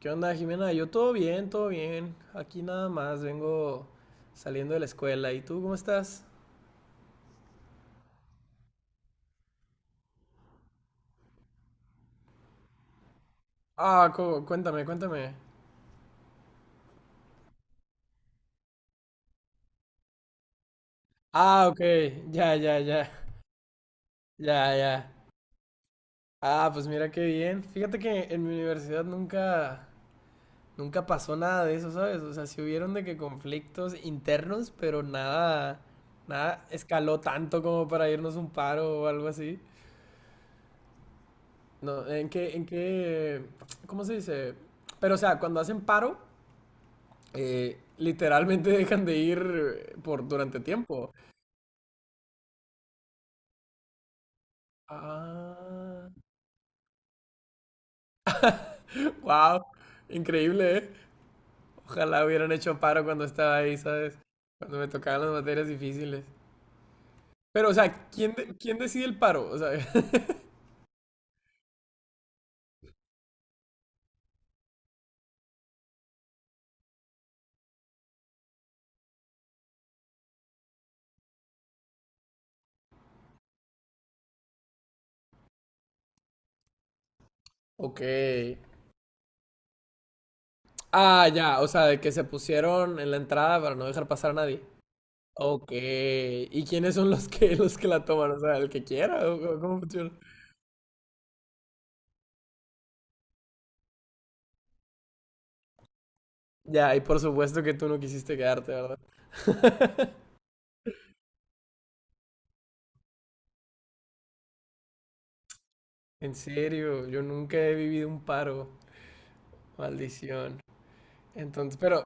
¿Qué onda, Jimena? Yo todo bien, todo bien. Aquí nada más, vengo saliendo de la escuela. ¿Y tú cómo estás? Ah, cuéntame, cuéntame. Ah, ok, ya, ya, ya, ya, ya. Ah, pues mira qué bien. Fíjate que en mi universidad nunca pasó nada de eso, ¿sabes? O sea, sí hubieron de que conflictos internos, pero nada escaló tanto como para irnos un paro o algo así. No, ¿en qué, ¿cómo se dice? Pero o sea, cuando hacen paro. Literalmente dejan de ir por durante tiempo. Ah, wow, increíble, ¿eh? Ojalá hubieran hecho paro cuando estaba ahí, ¿sabes? Cuando me tocaban las materias difíciles. Pero, o sea, ¿quién decide el paro? O sea, ok. Ah, ya, o sea, de que se pusieron en la entrada para no dejar pasar a nadie. Ok. ¿Y quiénes son los que los que la toman? O sea, el que quiera, o ¿cómo funciona? Ya, y por supuesto que tú no quisiste quedarte, ¿verdad? En serio, yo nunca he vivido un paro. Maldición. Entonces,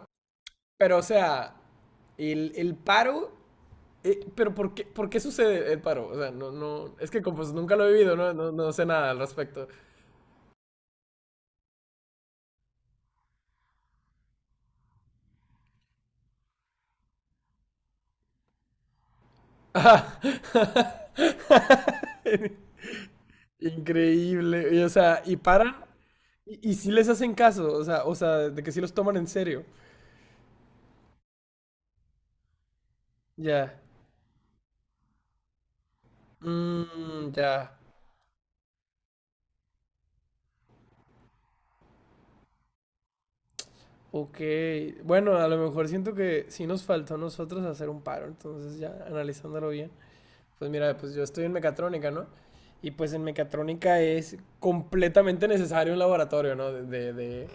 pero, o sea, el paro, pero ¿por qué sucede el paro? O sea, no, no, es que como pues, nunca lo he vivido, no, no, no sé nada al respecto. Ah, increíble. Y, o sea, y paran y sí les hacen caso, o sea, de que sí los toman en serio. Ya. Mm, ya. Ok, bueno, a lo mejor siento que sí nos faltó a nosotros hacer un paro, entonces ya analizándolo bien, pues mira, pues yo estoy en mecatrónica, ¿no? Y pues en mecatrónica es completamente necesario un laboratorio, ¿no?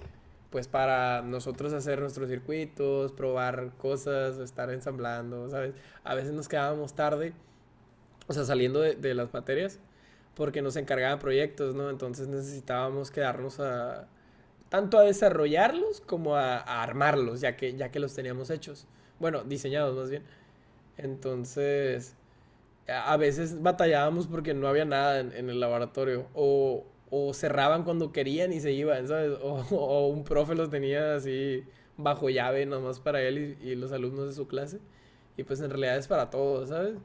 Pues para nosotros hacer nuestros circuitos, probar cosas, estar ensamblando, ¿sabes? A veces nos quedábamos tarde, o sea, saliendo de las materias, porque nos encargaban proyectos, ¿no? Entonces necesitábamos quedarnos a, tanto a desarrollarlos como a armarlos, ya que los teníamos hechos. Bueno, diseñados más bien. Entonces, a veces batallábamos porque no había nada en, en el laboratorio. O cerraban cuando querían y se iban, ¿sabes? O, o un profe los tenía así bajo llave nomás para él y los alumnos de su clase. Y pues en realidad es para todos, ¿sabes?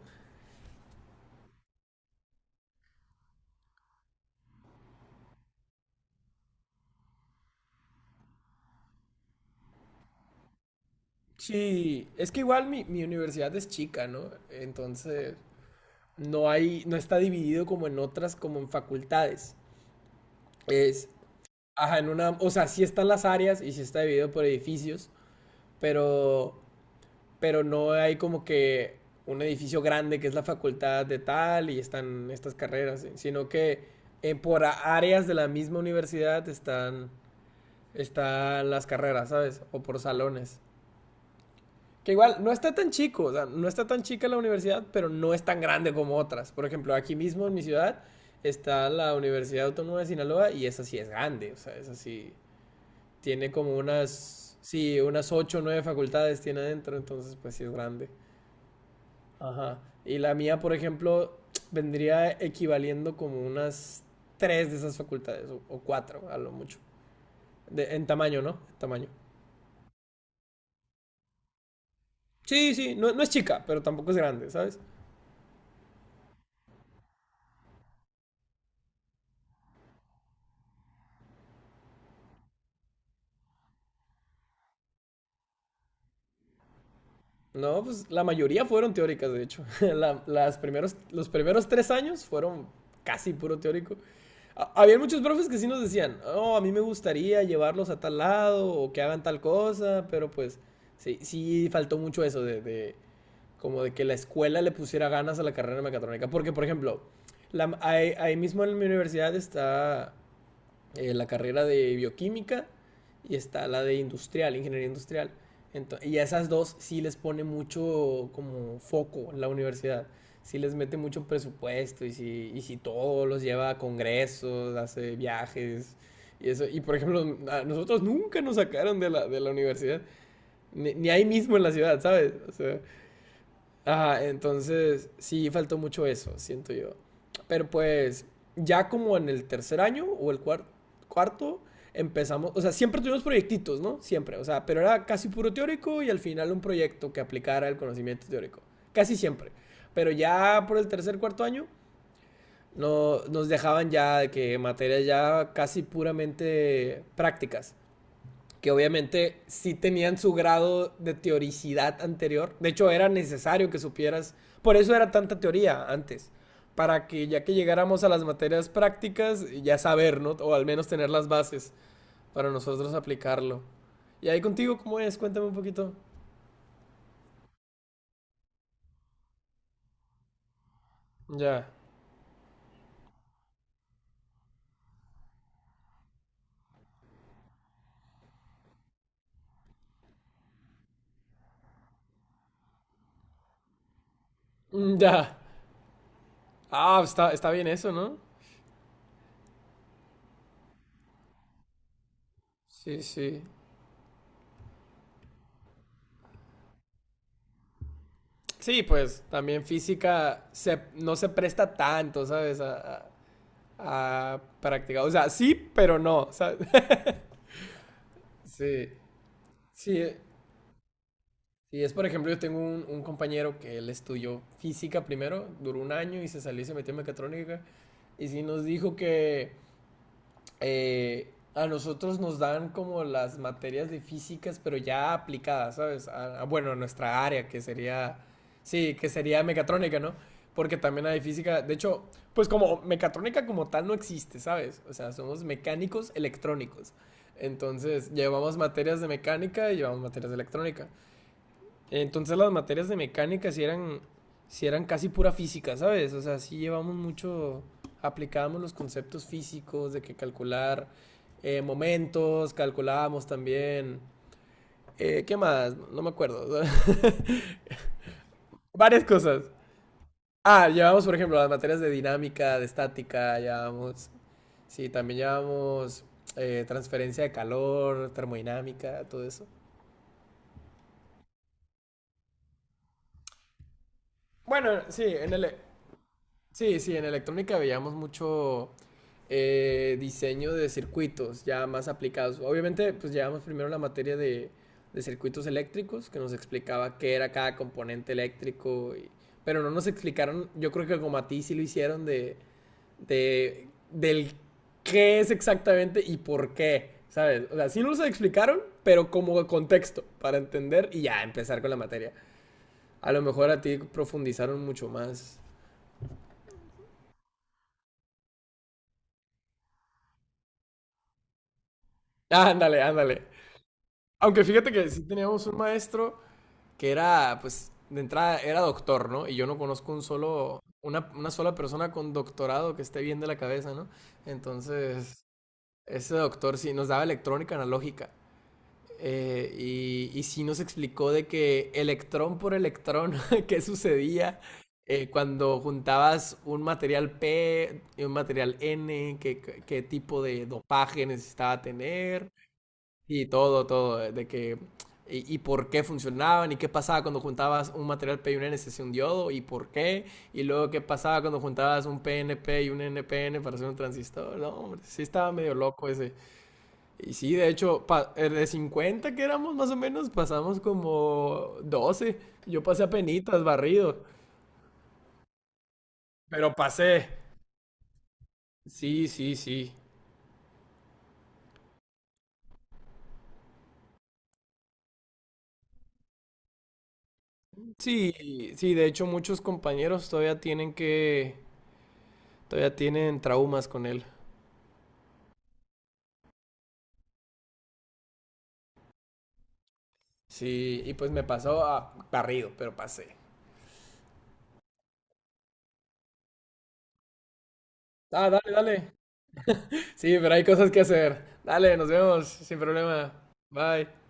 Sí, es que igual mi universidad es chica, ¿no? Entonces no hay, no está dividido como en otras, como en facultades. Es, ajá, en una, o sea, sí están las áreas y sí está dividido por edificios, pero, pero no hay como que un edificio grande que es la facultad de tal y están estas carreras, sino que por áreas de la misma universidad están las carreras, ¿sabes? O por salones. Que igual no está tan chico, o sea, no está tan chica la universidad, pero no es tan grande como otras. Por ejemplo, aquí mismo en mi ciudad está la Universidad Autónoma de Sinaloa y esa sí es grande, o sea, esa sí tiene como unas, sí, unas ocho o nueve facultades tiene adentro, entonces pues sí es grande. Ajá. Y la mía, por ejemplo, vendría equivaliendo como unas tres de esas facultades, o cuatro a lo mucho. En tamaño, ¿no? En tamaño. Sí, sí, no, no es chica, pero tampoco es grande, ¿sabes? No, pues la mayoría fueron teóricas, de hecho. Los primeros tres años fueron casi puro teórico. Había muchos profes que sí nos decían, oh, a mí me gustaría llevarlos a tal lado o que hagan tal cosa, pero pues sí, sí faltó mucho eso como de que la escuela le pusiera ganas a la carrera de mecatrónica. Porque, por ejemplo, ahí mismo en mi universidad está la carrera de bioquímica y está la de industrial, ingeniería industrial. Y a esas dos sí les pone mucho como foco la universidad. Sí les mete mucho presupuesto y sí todo los lleva a congresos, hace viajes y eso. Y por ejemplo, a nosotros nunca nos sacaron de la universidad, ni ahí mismo en la ciudad, ¿sabes? O sea, ajá, entonces sí faltó mucho eso, siento yo. Pero pues ya como en el tercer año o el cuarto empezamos, o sea, siempre tuvimos proyectitos, ¿no? Siempre, o sea, pero era casi puro teórico y al final un proyecto que aplicara el conocimiento teórico, casi siempre. Pero ya por el tercer, cuarto año no, nos dejaban ya de que materias ya casi puramente prácticas que obviamente sí tenían su grado de teoricidad anterior. De hecho, era necesario que supieras. Por eso era tanta teoría antes. Para que ya que llegáramos a las materias prácticas, ya saber, ¿no? O al menos tener las bases para nosotros aplicarlo. ¿Y ahí contigo cómo es? Cuéntame un poquito. Ya. Mm, ya. Ah, está, está bien eso, ¿no? Sí, sí. Sí, pues también física se, no se presta tanto, ¿sabes? A practicar. O sea, sí, pero no. ¿Sabes? Sí, sí, sí, es por ejemplo, yo tengo un compañero que él estudió física primero, duró un año y se salió y se metió en mecatrónica. Y sí nos dijo que a nosotros nos dan como las materias de físicas, pero ya aplicadas, ¿sabes? A, bueno, nuestra área, sí, que sería mecatrónica, ¿no? Porque también hay física, de hecho, pues como mecatrónica como tal no existe, ¿sabes? O sea, somos mecánicos electrónicos. Entonces, llevamos materias de mecánica y llevamos materias de electrónica. Entonces las materias de mecánica sí eran casi pura física, ¿sabes? O sea, sí llevamos mucho, aplicábamos los conceptos físicos de que calcular momentos, calculábamos también, ¿qué más? No me acuerdo. Varias cosas. Ah, llevamos, por ejemplo, las materias de dinámica, de estática, sí, también llevamos transferencia de calor, termodinámica, todo eso. Bueno, sí, en el, Sí, sí, en electrónica veíamos mucho diseño de circuitos ya más aplicados. Obviamente, pues llevamos primero la materia de circuitos eléctricos, que nos explicaba qué era cada componente eléctrico, y- pero no nos explicaron, yo creo que como a ti sí lo hicieron, del qué es exactamente y por qué, ¿sabes? O sea, sí nos lo explicaron, pero como contexto, para entender y ya empezar con la materia. A lo mejor a ti profundizaron mucho más. Ah, ándale, ándale. Aunque fíjate que sí teníamos un maestro que era, pues, de entrada era doctor, ¿no? Y yo no conozco un solo, una sola persona con doctorado que esté bien de la cabeza, ¿no? Entonces, ese doctor sí nos daba electrónica analógica. Y sí nos explicó de que electrón por electrón, qué sucedía cuando juntabas un material P y un material N, qué tipo de dopaje necesitaba tener y todo, todo, de que... por qué funcionaban y qué pasaba cuando juntabas un material P y un NC, un diodo y por qué. Y luego qué pasaba cuando juntabas un PNP y un NPN para hacer un transistor. No, hombre, sí estaba medio loco ese. Y sí, de hecho, de 50 que éramos más o menos, pasamos como 12. Yo pasé a penitas, barrido. Pero pasé. Sí, sí, sí. Sí, sí, de hecho muchos compañeros todavía tienen que... Todavía tienen traumas con él. Sí, y pues me pasó a barrido, pero pasé. Ah, dale, dale. Sí, pero hay cosas que hacer. Dale, nos vemos, sin problema. Bye.